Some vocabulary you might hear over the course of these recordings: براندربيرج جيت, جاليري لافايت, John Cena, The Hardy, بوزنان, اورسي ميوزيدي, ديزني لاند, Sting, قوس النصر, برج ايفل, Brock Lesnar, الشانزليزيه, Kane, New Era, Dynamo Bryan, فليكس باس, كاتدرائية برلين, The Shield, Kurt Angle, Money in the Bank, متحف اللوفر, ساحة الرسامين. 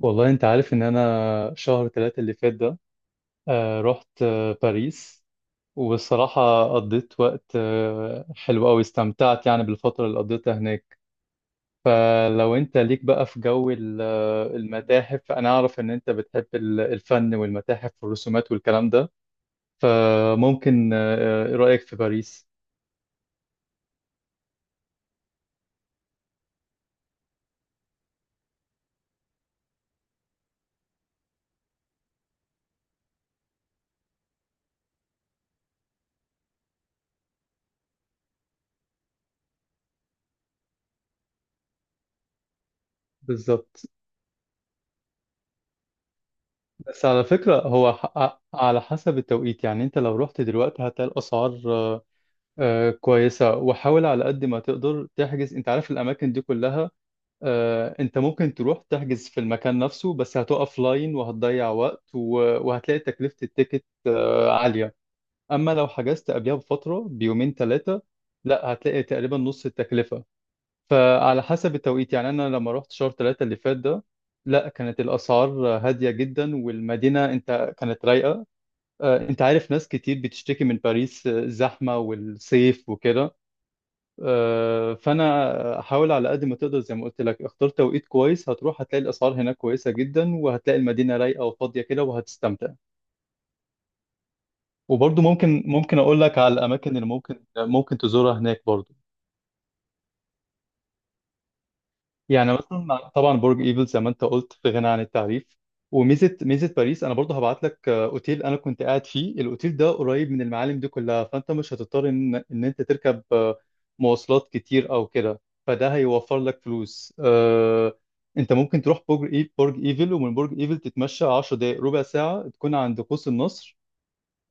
والله انت عارف ان انا شهر ثلاثة اللي فات ده، رحت باريس. والصراحة قضيت وقت حلو قوي، استمتعت يعني بالفترة اللي قضيتها هناك. فلو انت ليك بقى في جو المتاحف، انا اعرف ان انت بتحب الفن والمتاحف والرسومات والكلام ده، فممكن ايه رأيك في باريس؟ بالظبط. بس على فكرة هو على حسب التوقيت يعني، انت لو رحت دلوقتي هتلاقي الأسعار كويسة، وحاول على قد ما تقدر تحجز. انت عارف الأماكن دي كلها، آه، انت ممكن تروح تحجز في المكان نفسه، بس هتقف لاين وهتضيع وقت وهتلاقي تكلفة التيكت آه عالية. أما لو حجزت قبلها بفترة بيومين ثلاثة، لا هتلاقي تقريبا نص التكلفة. فعلى حسب التوقيت يعني، أنا لما رحت شهر ثلاثة اللي فات ده، لا كانت الأسعار هادية جدا والمدينة انت كانت رايقة. آه، انت عارف ناس كتير بتشتكي من باريس، الزحمة والصيف وكده. فانا حاول على قد ما تقدر زي ما قلت لك، اختار توقيت كويس، هتروح هتلاقي الاسعار هناك كويسه جدا، وهتلاقي المدينه رايقه وفاضيه كده وهتستمتع. وبرضه ممكن اقول لك على الاماكن اللي ممكن تزورها هناك برضه. يعني مثلا طبعا برج ايفل، زي ما انت قلت، في غنى عن التعريف. وميزه ميزه باريس، انا برضه هبعت لك اوتيل انا كنت قاعد فيه، الاوتيل ده قريب من المعالم دي كلها، فانت مش هتضطر ان ان انت تركب مواصلات كتير او كده. فده هيوفر لك فلوس. انت ممكن تروح برج ايفل، ومن برج ايفل تتمشى 10 دقائق ربع ساعه تكون عند قوس النصر.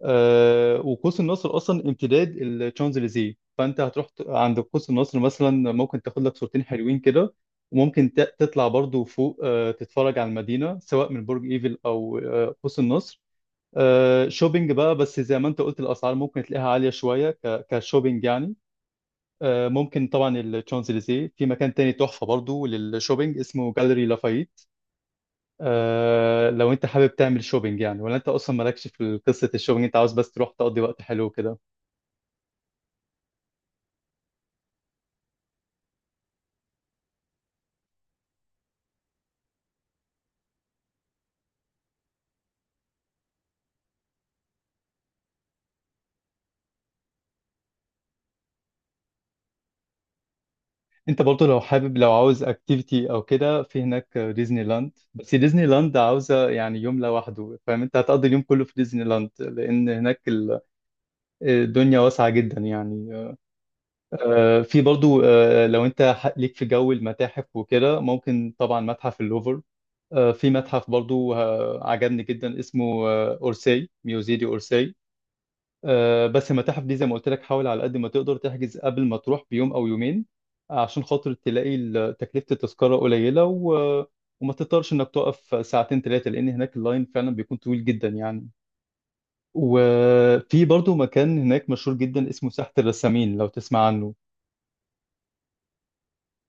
وقوس النصر اصلا امتداد الشانزليزيه، فانت هتروح عند قوس النصر، مثلا ممكن تاخد لك صورتين حلوين كده. وممكن تطلع برضو فوق تتفرج على المدينه، سواء من برج ايفل او قوس النصر. شوبينج بقى، بس زي ما انت قلت الاسعار ممكن تلاقيها عاليه شويه كشوبينج يعني. ممكن طبعا الشانزليزيه، في مكان تاني تحفه برضو للشوبينج اسمه جاليري لافايت. لو انت حابب تعمل شوبينج يعني، ولا انت اصلا مالكش في قصه الشوبينج، انت عاوز بس تروح تقضي وقت حلو كده. انت برضه لو حابب لو عاوز اكتيفيتي او كده، في هناك ديزني لاند، بس ديزني لاند عاوزه يعني يوم لوحده، فاهم، انت هتقضي اليوم كله في ديزني لاند، لان هناك الدنيا واسعه جدا يعني. في برضه، لو انت ليك في جو المتاحف وكده، ممكن طبعا متحف اللوفر. في متحف برضه عجبني جدا، اسمه اورسي، ميوزيدي اورسي. بس المتاحف دي زي ما قلت لك، حاول على قد ما تقدر تحجز قبل ما تروح بيوم او يومين، عشان خاطر تلاقي تكلفة التذكرة قليلة وما تضطرش انك تقف ساعتين ثلاثة، لان هناك اللاين فعلا بيكون طويل جدا يعني. وفي برضو مكان هناك مشهور جدا اسمه ساحة الرسامين، لو تسمع عنه.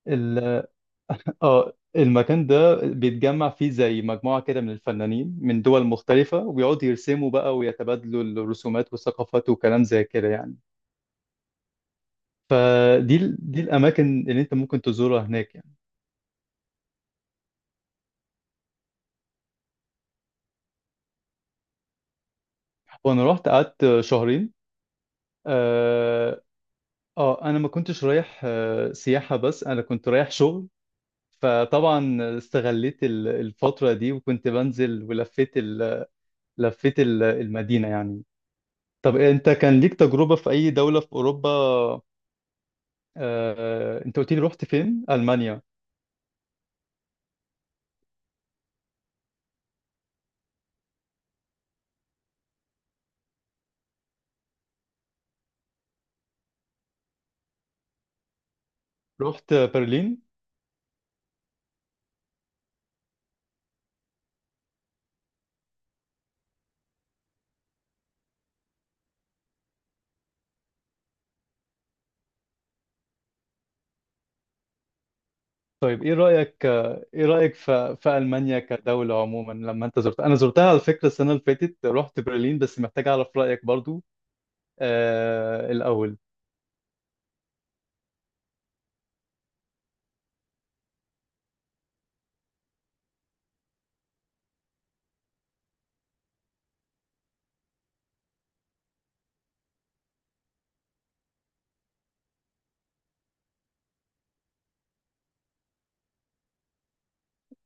ال... اه، المكان ده بيتجمع فيه زي مجموعة كده من الفنانين من دول مختلفة، وبيقعدوا يرسموا بقى ويتبادلوا الرسومات والثقافات وكلام زي كده يعني. دي الاماكن اللي انت ممكن تزورها هناك يعني. وانا رحت قعدت شهرين. اه، آه انا ما كنتش رايح آه سياحة، بس انا كنت رايح شغل. فطبعا استغليت الفترة دي، وكنت بنزل ولفيت المدينة يعني. طب انت كان ليك تجربة في اي دولة في اوروبا؟ آه انت قلت لي رحت فين، المانيا؟ رحت برلين؟ طيب ايه رأيك في ألمانيا كدولة عموما لما انت زرتها؟ انا زرتها على فكرة السنة اللي فاتت، رحت برلين، بس محتاج اعرف رأيك برضو. آه، الأول،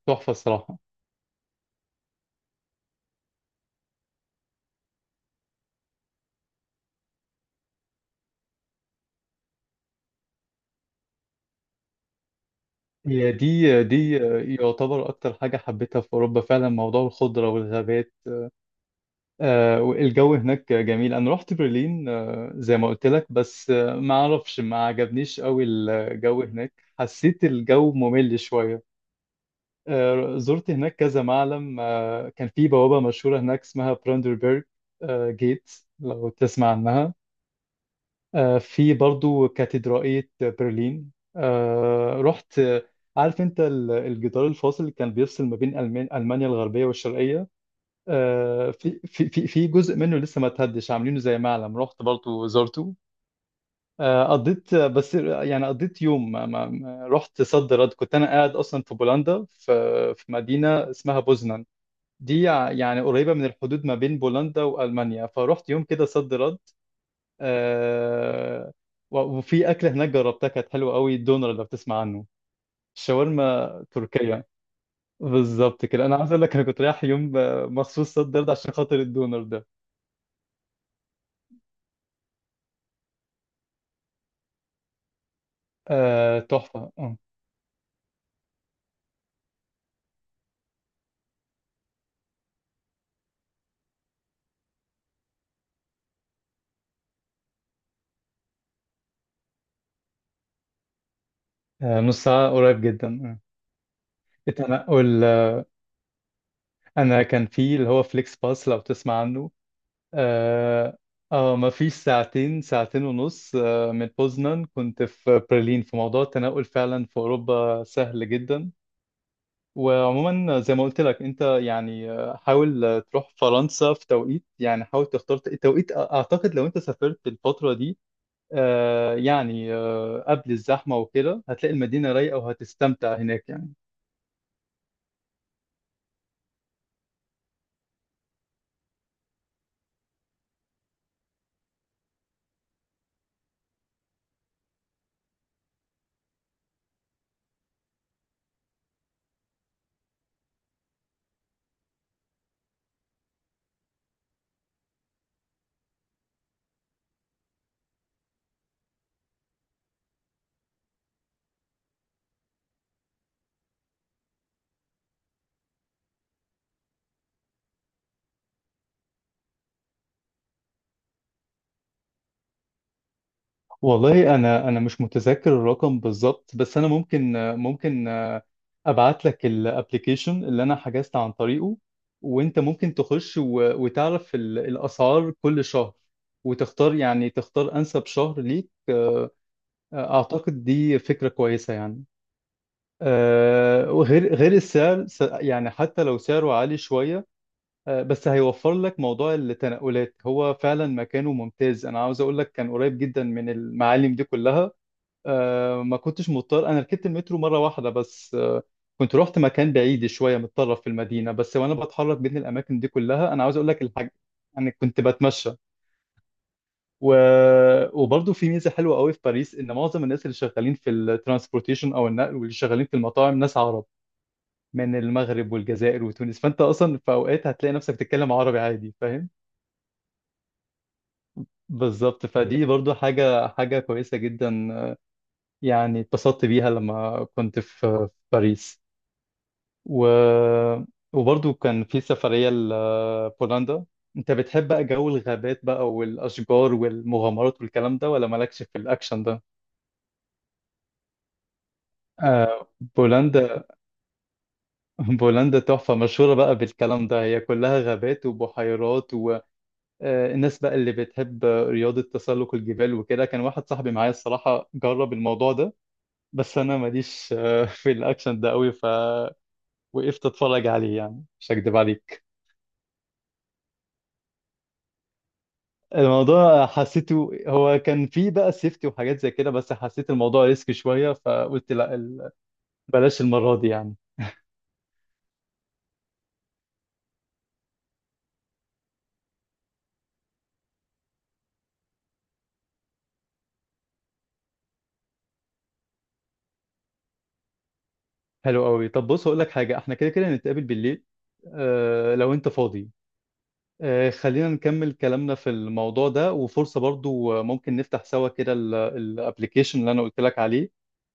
تحفة الصراحة. هي دي يعتبر اكتر حاجة حبيتها في أوروبا فعلا، موضوع الخضرة والغابات. آه، والجو هناك جميل. انا رحت برلين آه زي ما قلت لك، بس آه ما اعرفش، ما عجبنيش قوي الجو هناك. حسيت الجو ممل شوية. زرت هناك كذا معلم، كان في بوابة مشهورة هناك اسمها براندربيرج جيت، لو تسمع عنها. في برضو كاتدرائية برلين. آه، رحت آه، عارف انت الجدار الفاصل اللي كان بيفصل ما بين ألمانيا الغربية والشرقية؟ في جزء منه لسه ما اتهدش، عاملينه زي معلم، رحت برضو زرته. قضيت بس يعني قضيت يوم، رحت صد رد. كنت انا قاعد اصلا في بولندا، في مدينة اسمها بوزنان، دي يعني قريبة من الحدود ما بين بولندا وألمانيا، فرحت يوم كده صد رد. آه، وفي أكلة هناك جربتها كانت حلوة قوي، الدونر، لو بتسمع عنه. الشاورما تركية بالظبط كده. أنا عايز أقول لك أنا كنت رايح يوم مخصوص صد رد عشان خاطر الدونر ده. آه، تحفة آه. آه، نص ساعة قريب جدا آه. أنا أقول، أنا كان في اللي هو فليكس باس، لو تسمع عنه. اه. ما فيش ساعتين، ساعتين ونص من بوزنان كنت في برلين. في موضوع التنقل فعلا في أوروبا سهل جدا. وعموما زي ما قلت لك انت يعني، حاول تروح فرنسا في توقيت يعني، حاول تختار التوقيت. اعتقد لو انت سافرت الفترة دي قبل الزحمة وكده، هتلاقي المدينة رايقة وهتستمتع هناك يعني. والله انا، مش متذكر الرقم بالظبط، بس انا ممكن ابعت لك الابلكيشن اللي انا حجزت عن طريقه، وانت ممكن تخش وتعرف الاسعار كل شهر، وتختار يعني تختار انسب شهر ليك. اعتقد دي فكرة كويسة يعني. وغير غير السعر، يعني حتى لو سعره عالي شوية، بس هيوفر لك موضوع التنقلات. هو فعلا مكانه ممتاز، انا عاوز اقول لك كان قريب جدا من المعالم دي كلها. ما كنتش مضطر، انا ركبت المترو مره واحده بس، كنت رحت مكان بعيد شويه متطرف في المدينه بس، وانا بتحرك بين الاماكن دي كلها انا عاوز اقول لك الحاجه، انا كنت بتمشى و... وبرضه في ميزه حلوه قوي في باريس، ان معظم الناس اللي شغالين في الترانسبورتيشن او النقل، واللي شغالين في المطاعم، ناس عرب من المغرب والجزائر وتونس، فانت اصلا في اوقات هتلاقي نفسك بتتكلم عربي عادي، فاهم. بالظبط. فدي برضه حاجه كويسه جدا، يعني اتبسطت بيها لما كنت في باريس. و... وبرضو كان في سفرية لبولندا. انت بتحب بقى جو الغابات بقى والأشجار والمغامرات والكلام ده، ولا مالكش في الأكشن ده؟ آه. بولندا بولندا تحفة مشهورة بقى بالكلام ده، هي كلها غابات وبحيرات. والناس بقى اللي بتحب رياضة تسلق الجبال وكده، كان واحد صاحبي معايا الصراحة جرب الموضوع ده، بس أنا ماليش في الأكشن ده قوي، فوقفت أتفرج عليه يعني، مش هكدب عليك. الموضوع حسيته، هو كان فيه بقى سيفتي وحاجات زي كده، بس حسيت الموضوع ريسك شوية، فقلت لا بلاش المرة دي يعني. حلو قوي. طب بص هقول لك حاجة، احنا كده كده نتقابل بالليل آه لو انت فاضي، آه خلينا نكمل كلامنا في الموضوع ده، وفرصة برضو ممكن نفتح سوا كده الابليكيشن اللي انا قلت لك عليه،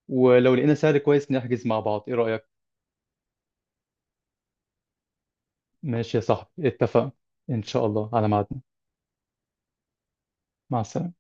ولو لقينا سعر كويس نحجز مع بعض، ايه رأيك؟ ماشي يا صاحبي، اتفقنا، ان شاء الله على ميعادنا. مع السلامة.